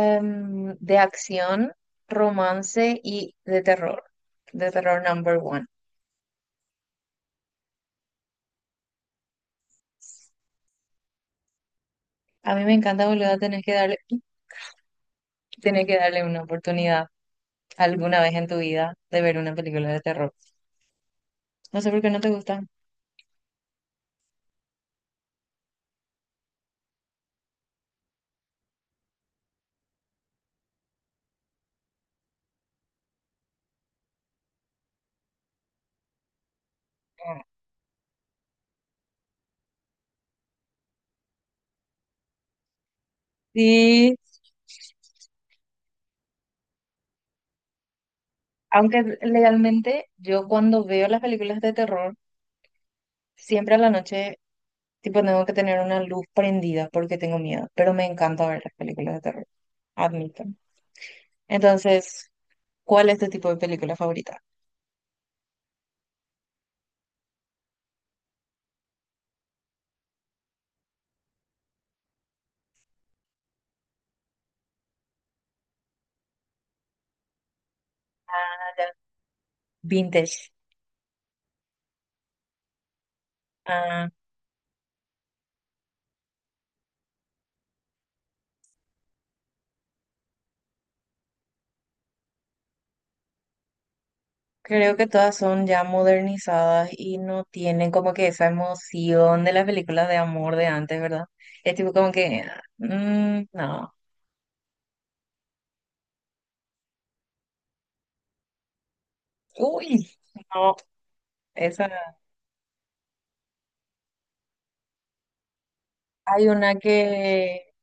De acción, romance y de terror. De terror number one. A mí me encanta, boludo, tenés que darle una oportunidad alguna vez en tu vida de ver una película de terror. No sé por qué no te gusta. Sí, aunque legalmente yo cuando veo las películas de terror, siempre a la noche, tipo, tengo que tener una luz prendida porque tengo miedo, pero me encanta ver las películas de terror, admito. Entonces, ¿cuál es tu tipo de película favorita? Ah, ya. Vintage. Ah, creo que todas son ya modernizadas y no tienen como que esa emoción de las películas de amor de antes, ¿verdad? Es tipo como que, mm, no, uy, no, esa. Hay una que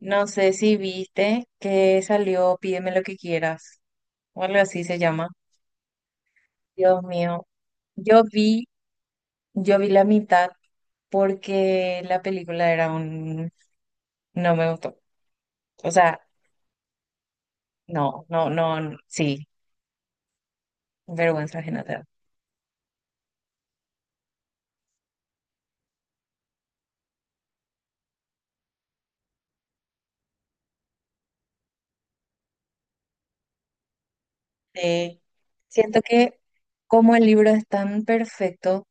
no sé si viste que salió Pídeme lo que quieras, o algo así se llama. Dios mío, yo vi, yo vi la mitad porque la película era un, no me gustó. O sea, no, no, no, sí. Vergüenza ajena te da. Sí. Siento que como el libro es tan perfecto,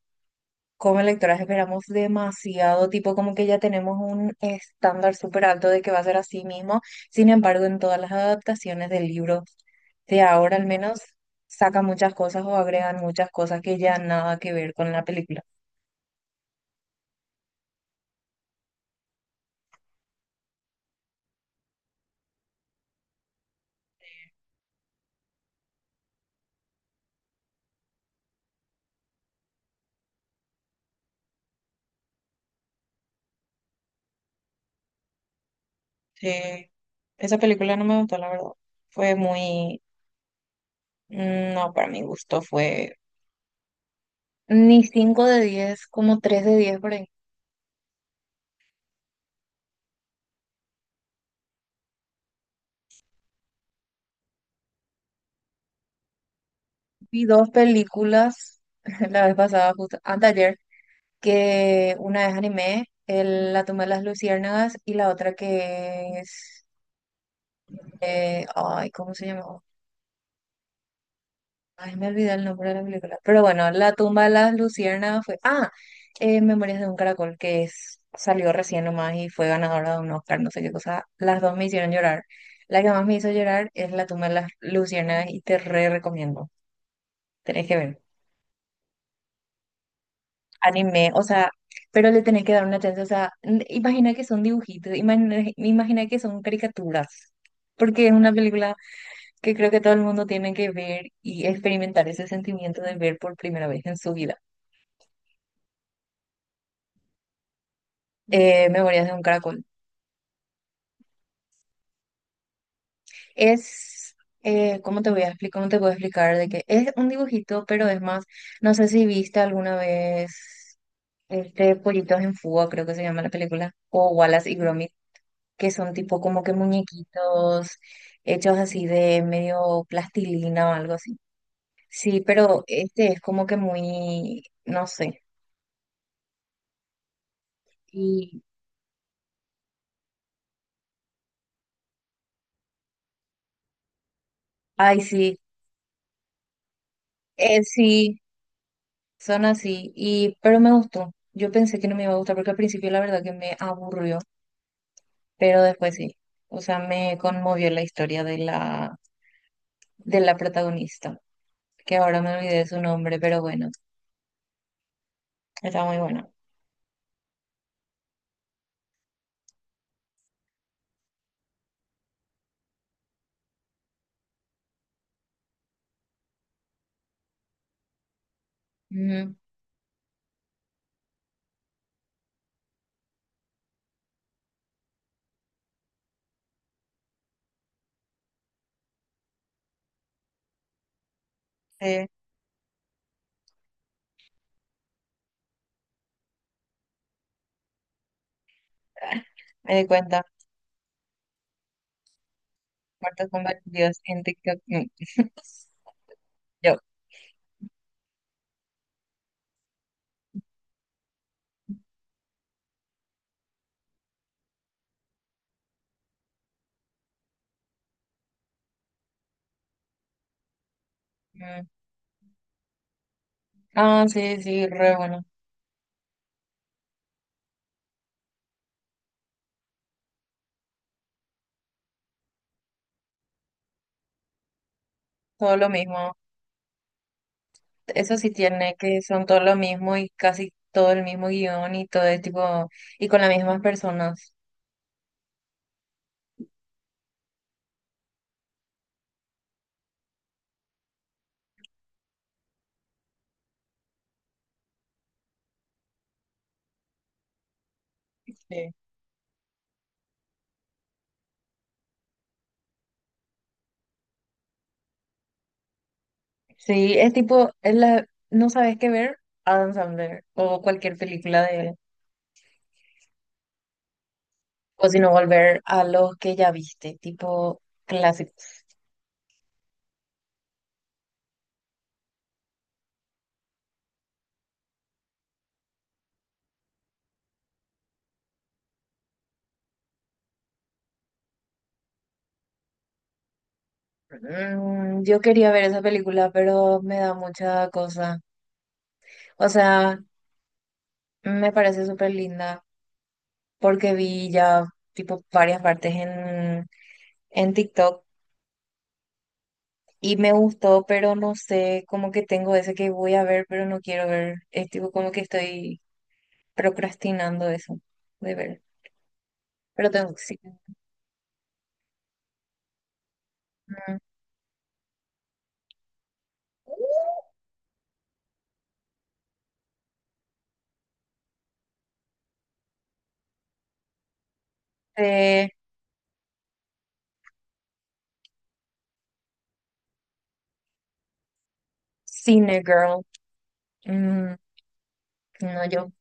como lectoras esperamos demasiado, tipo como que ya tenemos un estándar súper alto de que va a ser así mismo. Sin embargo, en todas las adaptaciones del libro de ahora al menos, sacan muchas cosas o agregan muchas cosas que ya nada que ver con la película. Sí. Esa película no me gustó, la verdad. Fue muy... No, para mi gusto fue... Ni 5 de 10, como 3 de 10 por ahí. Vi dos películas la vez pasada, justo anteayer, que una es anime, el, La tumba de las luciérnagas, y la otra que es, ay, ¿cómo se llamaba? Ay, me olvidé el nombre de la película. Pero bueno, La tumba de las luciérnagas fue, ah, Memorias de un caracol, que es, salió recién nomás y fue ganadora de un Oscar, no sé qué cosa. Las dos me hicieron llorar. La que más me hizo llorar es La tumba de las luciérnagas y te re recomiendo. Tenés que ver. Anime, o sea, pero le tenés que dar una chance, o sea, imagina que son dibujitos, imagina que son caricaturas, porque es una película que creo que todo el mundo tiene que ver y experimentar ese sentimiento de ver por primera vez en su vida. Memorias de un caracol. Es, ¿cómo te voy a explicar? ¿Cómo te puedo explicar? De que es un dibujito, pero es más, no sé si viste alguna vez este Pollitos en Fuga, creo que se llama la película, o Wallace y Gromit. Que son tipo como que muñequitos hechos así de medio plastilina o algo así. Sí, pero este es como que muy, no sé. Y, ay, sí, sí, son así. Y, pero me gustó. Yo pensé que no me iba a gustar porque al principio la verdad que me aburrió, pero después sí. O sea, me conmovió la historia de la protagonista, que ahora me olvidé su nombre, pero bueno, está muy bueno. Ujú, sí, me di cuenta. Muertos compartidos en TikTok. Mm, Yo. Mm. Ah, sí, sí, re bueno. Todo lo mismo. Eso sí tiene que son todo lo mismo y casi todo el mismo guión y todo es tipo, y con las mismas personas. Sí. Sí, es tipo, es la, no sabes qué ver, Adam Sandler o cualquier película de él. O si no, volver a lo que ya viste, tipo clásico. Mm, yo quería ver esa película, pero me da mucha cosa. O sea, me parece súper linda porque vi ya tipo varias partes en TikTok y me gustó, pero no sé, como que tengo ese que voy a ver, pero no quiero ver. Es tipo como que estoy procrastinando eso de ver. Pero tengo que sí. Mm. Eh, Cine Girl. Mm, no, yo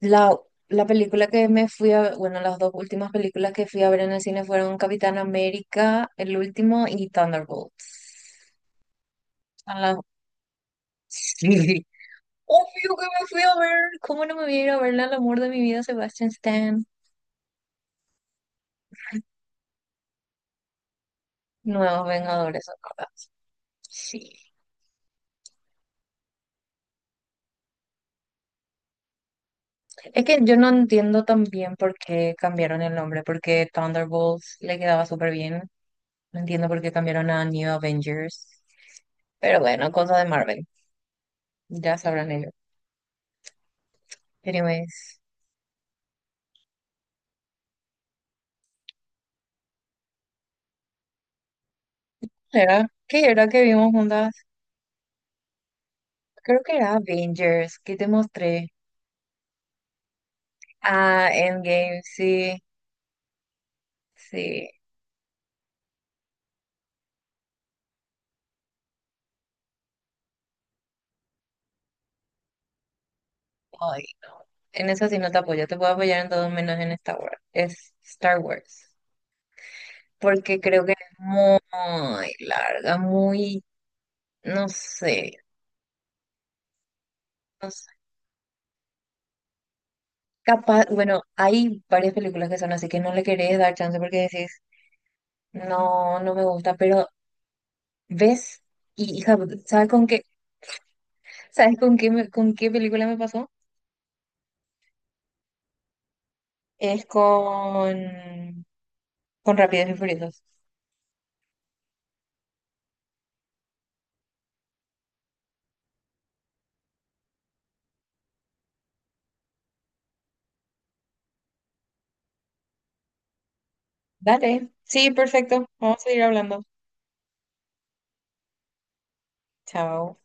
la, la película que me fui a, bueno, las dos últimas películas que fui a ver en el cine fueron Capitán América, el último, y Thunderbolts. Son las- Sí. Obvio que me fui a ver. ¿Cómo no me voy a ir a verla al amor de mi vida, Sebastian Stan? Nuevos Vengadores, son todas. Sí. Es que yo no entiendo también por qué cambiaron el nombre, porque Thunderbolts le quedaba súper bien. No entiendo por qué cambiaron a New Avengers. Pero bueno, cosa de Marvel. Ya sabrán ellos. Anyways. ¿Era? ¿Qué era que vimos juntas? Creo que era Avengers, que te mostré. Ah, Endgame, sí, sí. Ay, en eso sí no te apoyo, te puedo apoyar en todo menos en Star Wars. Es Star Wars. Porque creo que es muy larga, muy, no sé, no sé. Capaz, bueno, hay varias películas que son así que no le querés dar chance porque decís, no, no me gusta, pero ves y hija, ¿sabes con qué? ¿Sabes con qué, con qué película me pasó? Es con Rápidos y Furiosos. Dale. Sí, perfecto. Vamos a seguir hablando. Chao.